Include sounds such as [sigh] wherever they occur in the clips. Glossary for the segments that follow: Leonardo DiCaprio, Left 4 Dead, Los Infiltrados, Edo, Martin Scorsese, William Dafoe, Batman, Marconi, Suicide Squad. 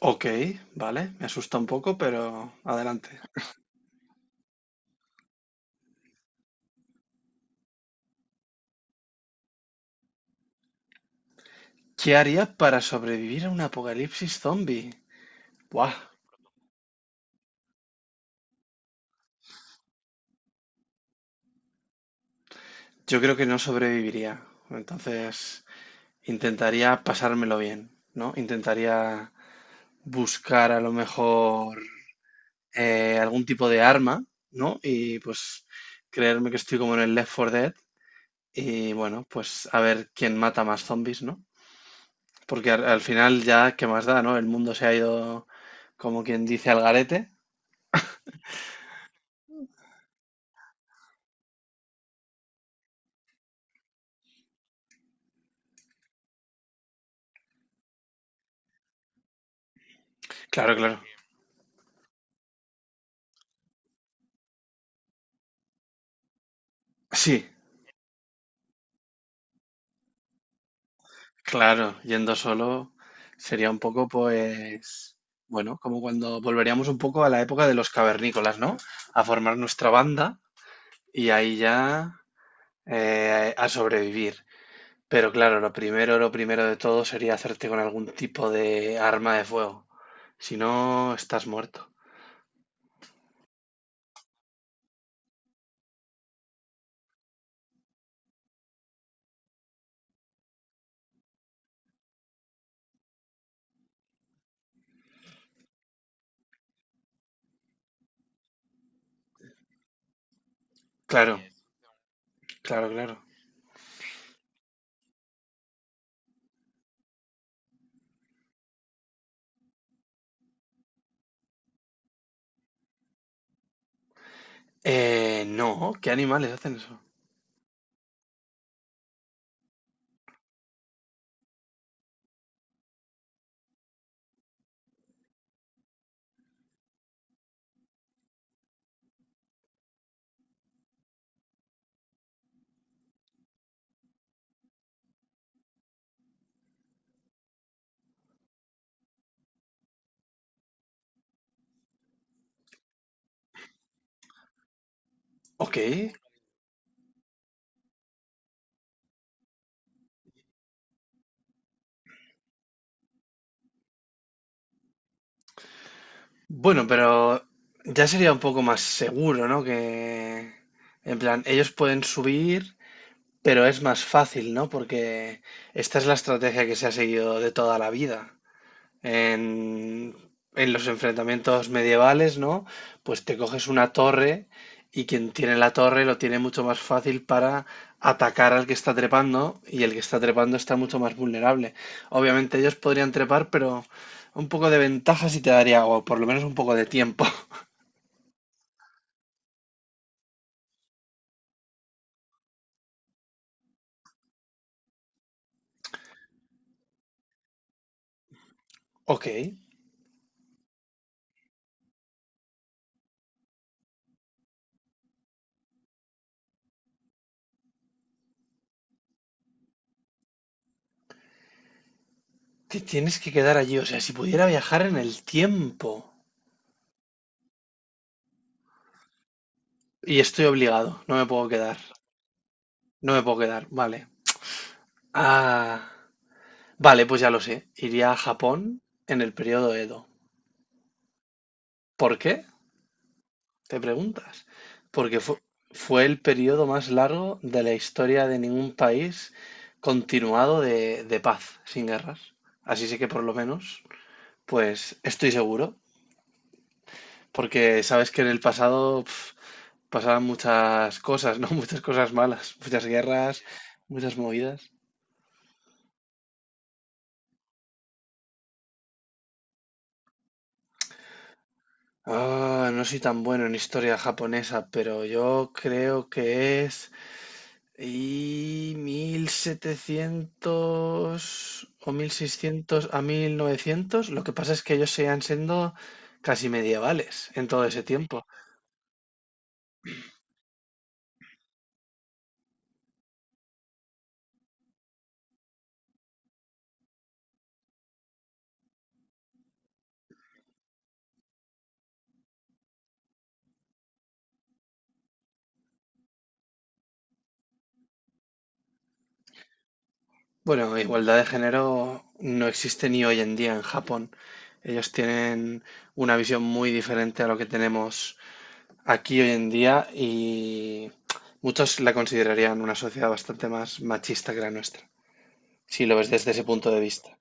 Ok, vale, me asusta un poco, pero adelante. ¿Qué haría para sobrevivir a un apocalipsis zombie? Buah, yo creo que no sobreviviría. Entonces, intentaría pasármelo bien, ¿no? Intentaría buscar a lo mejor algún tipo de arma, ¿no? Y pues creerme que estoy como en el Left 4 Dead y bueno, pues a ver quién mata más zombies, ¿no? Porque al final ya, ¿qué más da, no? El mundo se ha ido, como quien dice, al garete. Claro, claro. Sí, claro, yendo solo sería un poco, pues, bueno, como cuando volveríamos un poco a la época de los cavernícolas, ¿no? A formar nuestra banda y ahí ya a sobrevivir. Pero claro, lo primero de todo sería hacerte con algún tipo de arma de fuego. Si no, estás muerto. Sí, claro, claro, claro. No, ¿qué animales hacen eso? Ok, bueno, pero ya sería un poco más seguro, ¿no? Que, en plan, ellos pueden subir, pero es más fácil, ¿no? Porque esta es la estrategia que se ha seguido de toda la vida. En, en los enfrentamientos medievales, ¿no? Pues te coges una torre y quien tiene la torre lo tiene mucho más fácil para atacar al que está trepando y el que está trepando está mucho más vulnerable. Obviamente ellos podrían trepar, pero un poco de ventaja sí te daría, o por lo menos un poco de tiempo. [laughs] Ok, te tienes que quedar allí, o sea, si pudiera viajar en el tiempo. Y estoy obligado, no me puedo quedar, no me puedo quedar, vale. Ah. Vale, pues ya lo sé. Iría a Japón en el periodo Edo. ¿Por qué? Te preguntas. Porque fue, el periodo más largo de la historia de ningún país continuado de paz, sin guerras. Así sí que por lo menos, pues estoy seguro. Porque sabes que en el pasado pf, pasaban muchas cosas, ¿no? [laughs] Muchas cosas malas, muchas guerras, muchas movidas. Ah, no soy tan bueno en historia japonesa, pero yo creo que es... Y 1700 o 1600 a 1900, lo que pasa es que ellos seguían siendo casi medievales en todo ese tiempo. Bueno, igualdad de género no existe ni hoy en día en Japón. Ellos tienen una visión muy diferente a lo que tenemos aquí hoy en día y muchos la considerarían una sociedad bastante más machista que la nuestra, si lo ves desde ese punto de vista.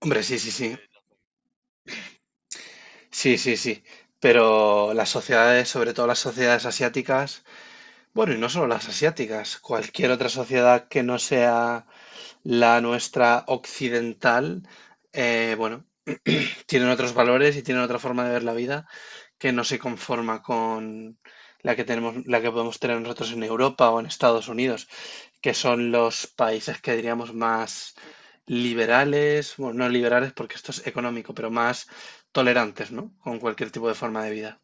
Hombre, sí, sí, sí. Sí, sí, sí. Pero las sociedades, sobre todo las sociedades asiáticas, bueno, y no solo las asiáticas, cualquier otra sociedad que no sea la nuestra occidental, bueno, tienen otros valores y tienen otra forma de ver la vida que no se conforma con la que tenemos, la que podemos tener nosotros en Europa o en Estados Unidos, que son los países que diríamos más liberales, bueno, no liberales porque esto es económico, pero más tolerantes, ¿no? Con cualquier tipo de forma de vida.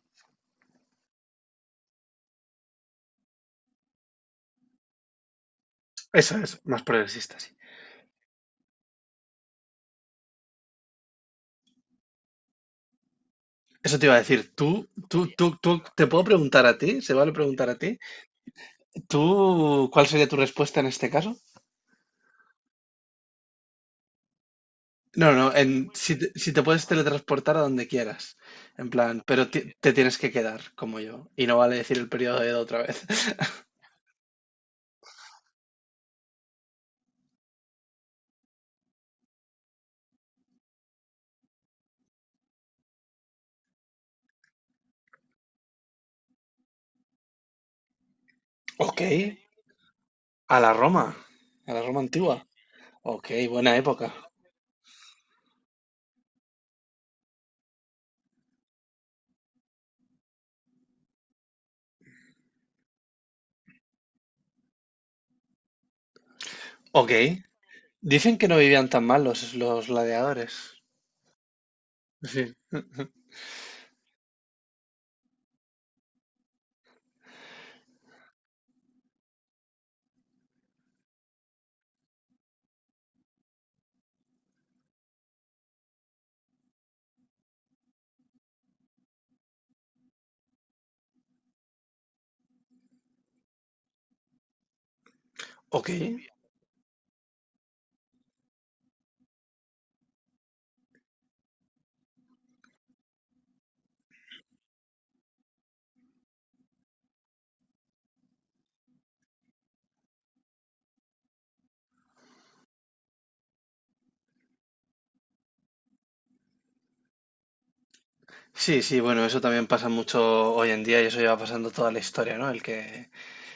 Eso es, más progresista, sí. Eso te iba a decir, te puedo preguntar a ti, se vale preguntar a ti, ¿tú cuál sería tu respuesta en este caso? No, no, en, si, te, si te puedes teletransportar a donde quieras, en plan, pero te tienes que quedar como yo, y no vale decir el periodo de edad otra vez. [laughs] Ok, a la Roma, a la Roma antigua. Ok, buena época. Ok, dicen que no vivían tan mal los gladiadores. Sí. Ok, sí, sí, bueno, eso también pasa mucho hoy en día y eso lleva pasando toda la historia, ¿no?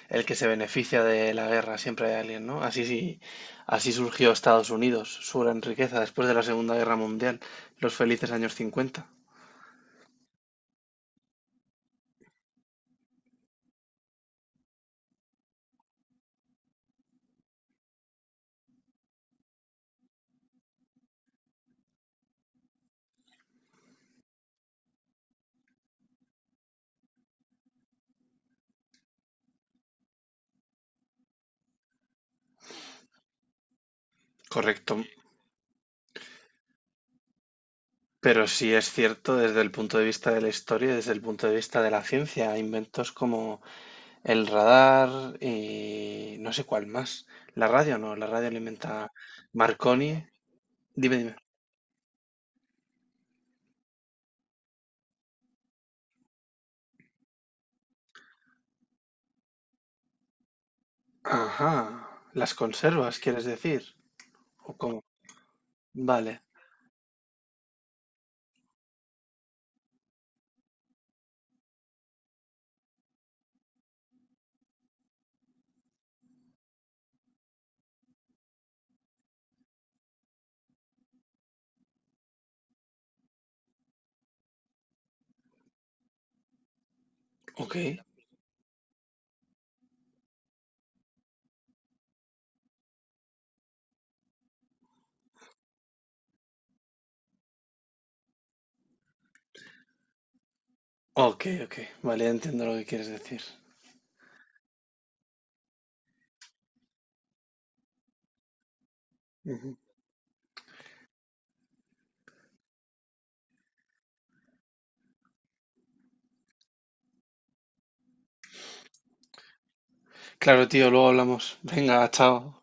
El que se beneficia de la guerra siempre hay alguien, ¿no? Así sí, así surgió Estados Unidos, su gran riqueza después de la Segunda Guerra Mundial, los felices años cincuenta. Correcto, pero sí es cierto desde el punto de vista de la historia, y desde el punto de vista de la ciencia, inventos como el radar y no sé cuál más. La radio no, la radio la inventa Marconi. Dime, dime. Ajá, las conservas, ¿quieres decir? ¿O cómo? Vale, ok, ok, ok, vale, ya entiendo lo que quieres decir. Ujú. Claro, tío, luego hablamos. Venga, chao.